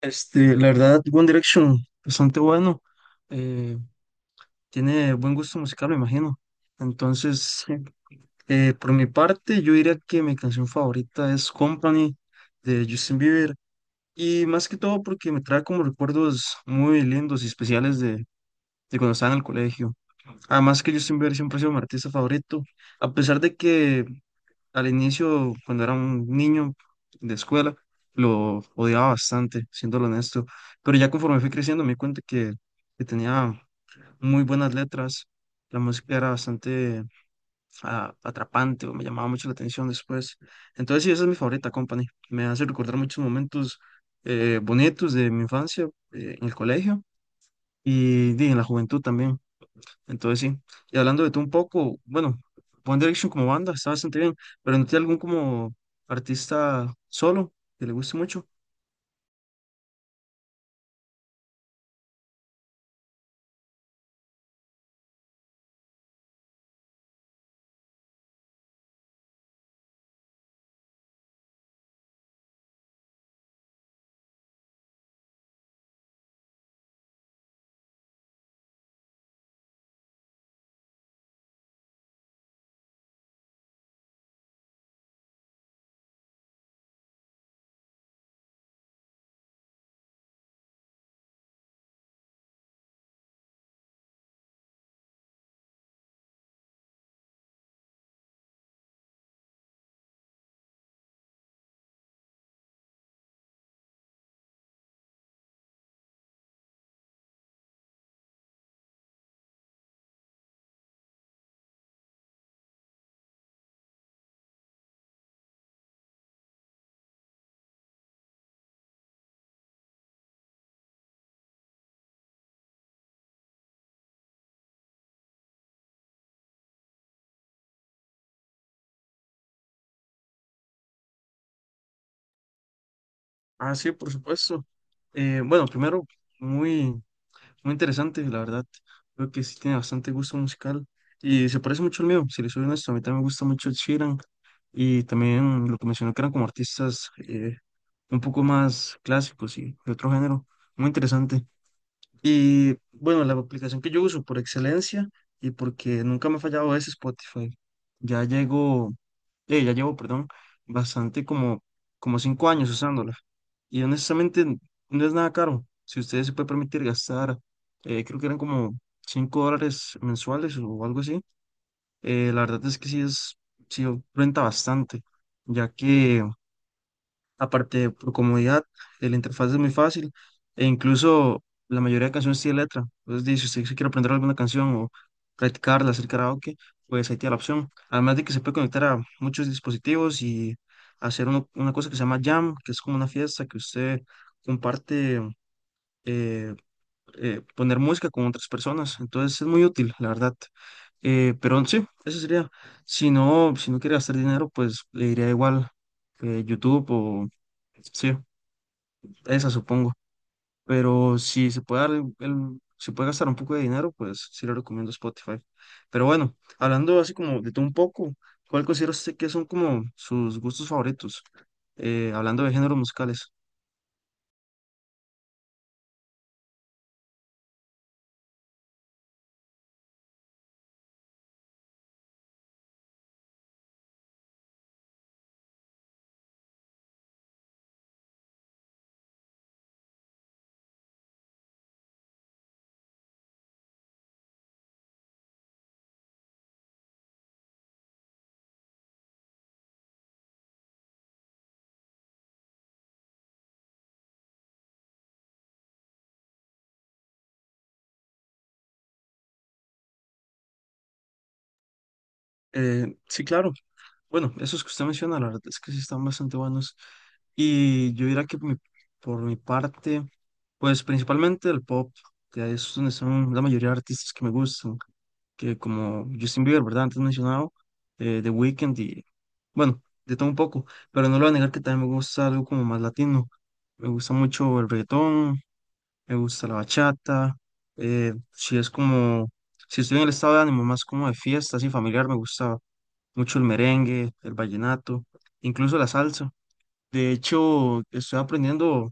La verdad, One Direction, bastante bueno. eh, Tiene buen gusto musical, me imagino. Entonces, sí. Por mi parte, yo diría que mi canción favorita es Company de Justin Bieber. Y más que todo porque me trae como recuerdos muy lindos y especiales de cuando estaba en el colegio. Además que Justin Bieber siempre ha sido mi artista favorito. A pesar de que al inicio, cuando era un niño de escuela, lo odiaba bastante, siéndolo honesto, pero ya conforme fui creciendo me di cuenta que tenía muy buenas letras, la música era bastante atrapante o me llamaba mucho la atención después. Entonces sí, esa es mi favorita, Company. Me hace recordar muchos momentos bonitos de mi infancia en el colegio y, di, en la juventud también. Entonces sí, y hablando de tú un poco, bueno, One Direction como banda está bastante bien, pero ¿no tiene algún como artista solo que le guste mucho? Ah, sí, por supuesto. Bueno, primero, muy, muy interesante, la verdad. Creo que sí tiene bastante gusto musical y se parece mucho al mío, si le soy honesto, a mí también me gusta mucho Ed Sheeran y también lo que mencionó que eran como artistas un poco más clásicos y de otro género. Muy interesante. Y bueno, la aplicación que yo uso por excelencia y porque nunca me ha fallado es Spotify. Ya llego, ya llevo, perdón, bastante como 5 años usándola. Y honestamente no es nada caro. Si ustedes se puede permitir gastar, creo que eran como $5 mensuales o algo así. La verdad es que sí es, sí renta bastante, ya que aparte, por comodidad, la interfaz es muy fácil e incluso la mayoría de canciones tiene letra. Entonces, di, si usted se quiere aprender alguna canción o practicarla, hacer karaoke, pues ahí tiene la opción. Además de que se puede conectar a muchos dispositivos y hacer una cosa que se llama Jam, que es como una fiesta que usted comparte eh, poner música con otras personas. Entonces es muy útil, la verdad. Pero sí, eso sería. Si no, si no quiere gastar dinero, pues le iría igual YouTube o sí, esa supongo. Pero si se puede dar si puede gastar un poco de dinero, pues sí le recomiendo Spotify. Pero bueno, hablando así como de todo un poco, ¿cuál considera usted que son como sus gustos favoritos? Hablando de géneros musicales. Sí, claro. Bueno, esos que usted menciona, la verdad es que sí están bastante buenos. Y yo diría que por mi parte, pues principalmente el pop, que es donde están la mayoría de artistas que me gustan, que como Justin Bieber, ¿verdad? Antes mencionado, The Weeknd y, bueno, de todo un poco, pero no lo voy a negar que también me gusta algo como más latino. Me gusta mucho el reggaetón, me gusta la bachata, eh, si es como, si estoy en el estado de ánimo más como de fiesta, así familiar, me gusta mucho el merengue, el vallenato, incluso la salsa. De hecho, estoy aprendiendo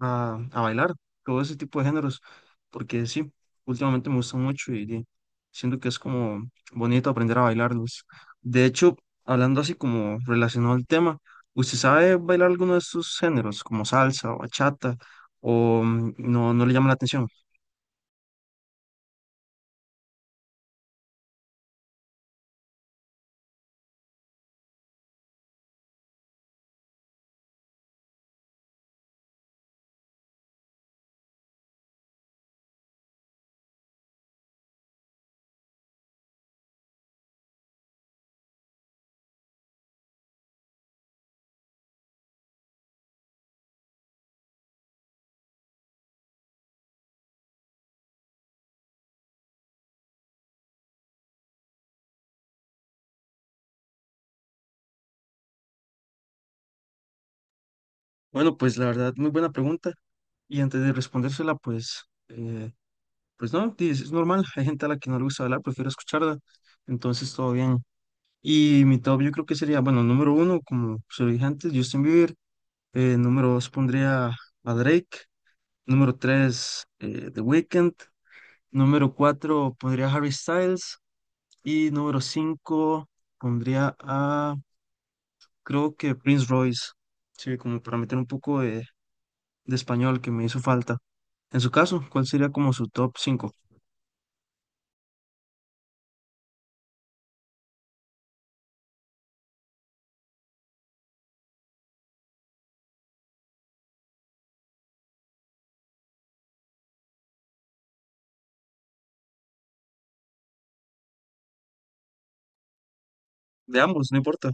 a bailar todo ese tipo de géneros, porque sí, últimamente me gusta mucho y siento que es como bonito aprender a bailarlos. De hecho, hablando así como relacionado al tema, ¿usted sabe bailar alguno de estos géneros, como salsa o bachata, o no, no le llama la atención? Bueno, pues la verdad, muy buena pregunta. Y antes de respondérsela, pues no, dices, es normal, hay gente a la que no le gusta hablar, prefiero escucharla, entonces todo bien. Y mi top yo creo que sería, bueno, número uno, como se lo dije antes, Justin Bieber, número dos pondría a Drake, número tres, The Weeknd, número cuatro pondría a Harry Styles y número cinco pondría a, creo que Prince Royce, sí, como para meter un poco de español que me hizo falta. En su caso, ¿cuál sería como su top cinco? De ambos, no importa.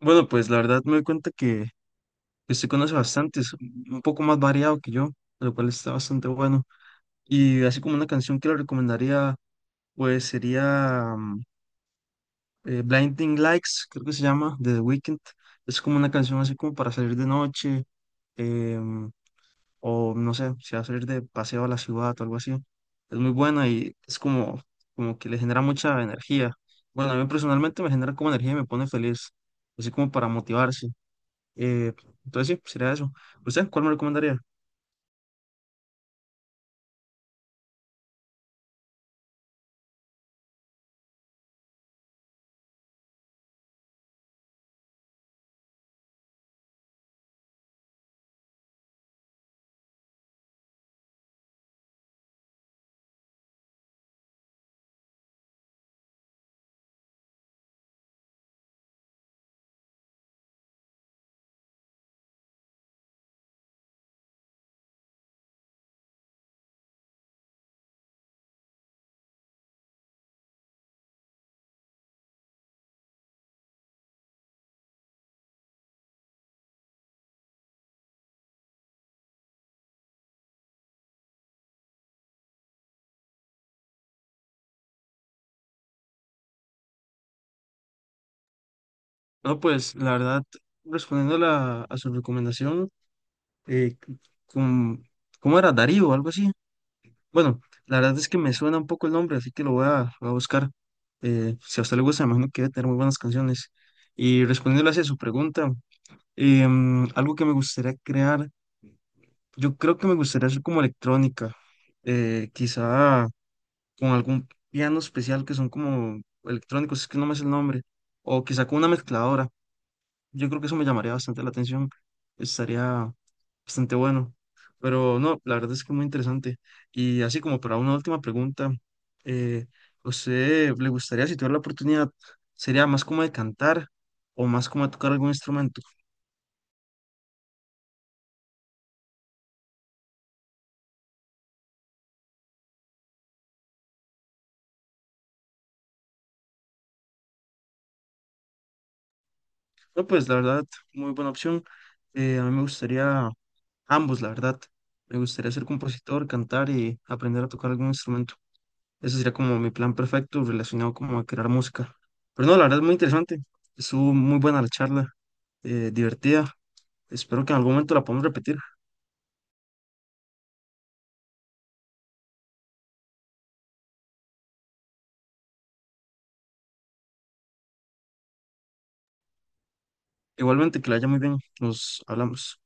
Bueno, pues la verdad me doy cuenta que usted conoce bastantes, un poco más variado que yo, lo cual está bastante bueno. Y así como una canción que le recomendaría, pues sería Blinding Lights, creo que se llama, de The Weeknd. Es como una canción así como para salir de noche, em, o no sé, si va a salir de paseo a la ciudad o algo así. Es muy buena y es como, como que le genera mucha energía. Bueno, a mí personalmente me genera como energía y me pone feliz, así como para motivarse. Eh, entonces sí, sería eso. ¿Usted cuál me recomendaría? No, pues la verdad, respondiendo a su recomendación, eh, con ¿cómo era? Darío o algo así. Bueno, la verdad es que me suena un poco el nombre, así que lo voy a buscar. Si a usted le gusta, me imagino que debe tener muy buenas canciones. Y respondiéndole hacia su pregunta, algo que me gustaría crear, yo creo que me gustaría hacer como electrónica, quizá con algún piano especial que son como electrónicos, es que no me es el nombre, o quizá con una mezcladora. Yo creo que eso me llamaría bastante la atención. Estaría bastante bueno. Pero no, la verdad es que muy interesante. Y así como para una última pregunta, eh, ¿usted le gustaría, si tuviera la oportunidad, sería más como de cantar o más como de tocar algún instrumento? No, pues la verdad, muy buena opción. A mí me gustaría ambos, la verdad. Me gustaría ser compositor, cantar y aprender a tocar algún instrumento. Ese sería como mi plan perfecto relacionado como a crear música. Pero no, la verdad es muy interesante. Estuvo muy buena la charla, divertida. Espero que en algún momento la podamos repetir. Igualmente, que la haya muy bien. Nos hablamos.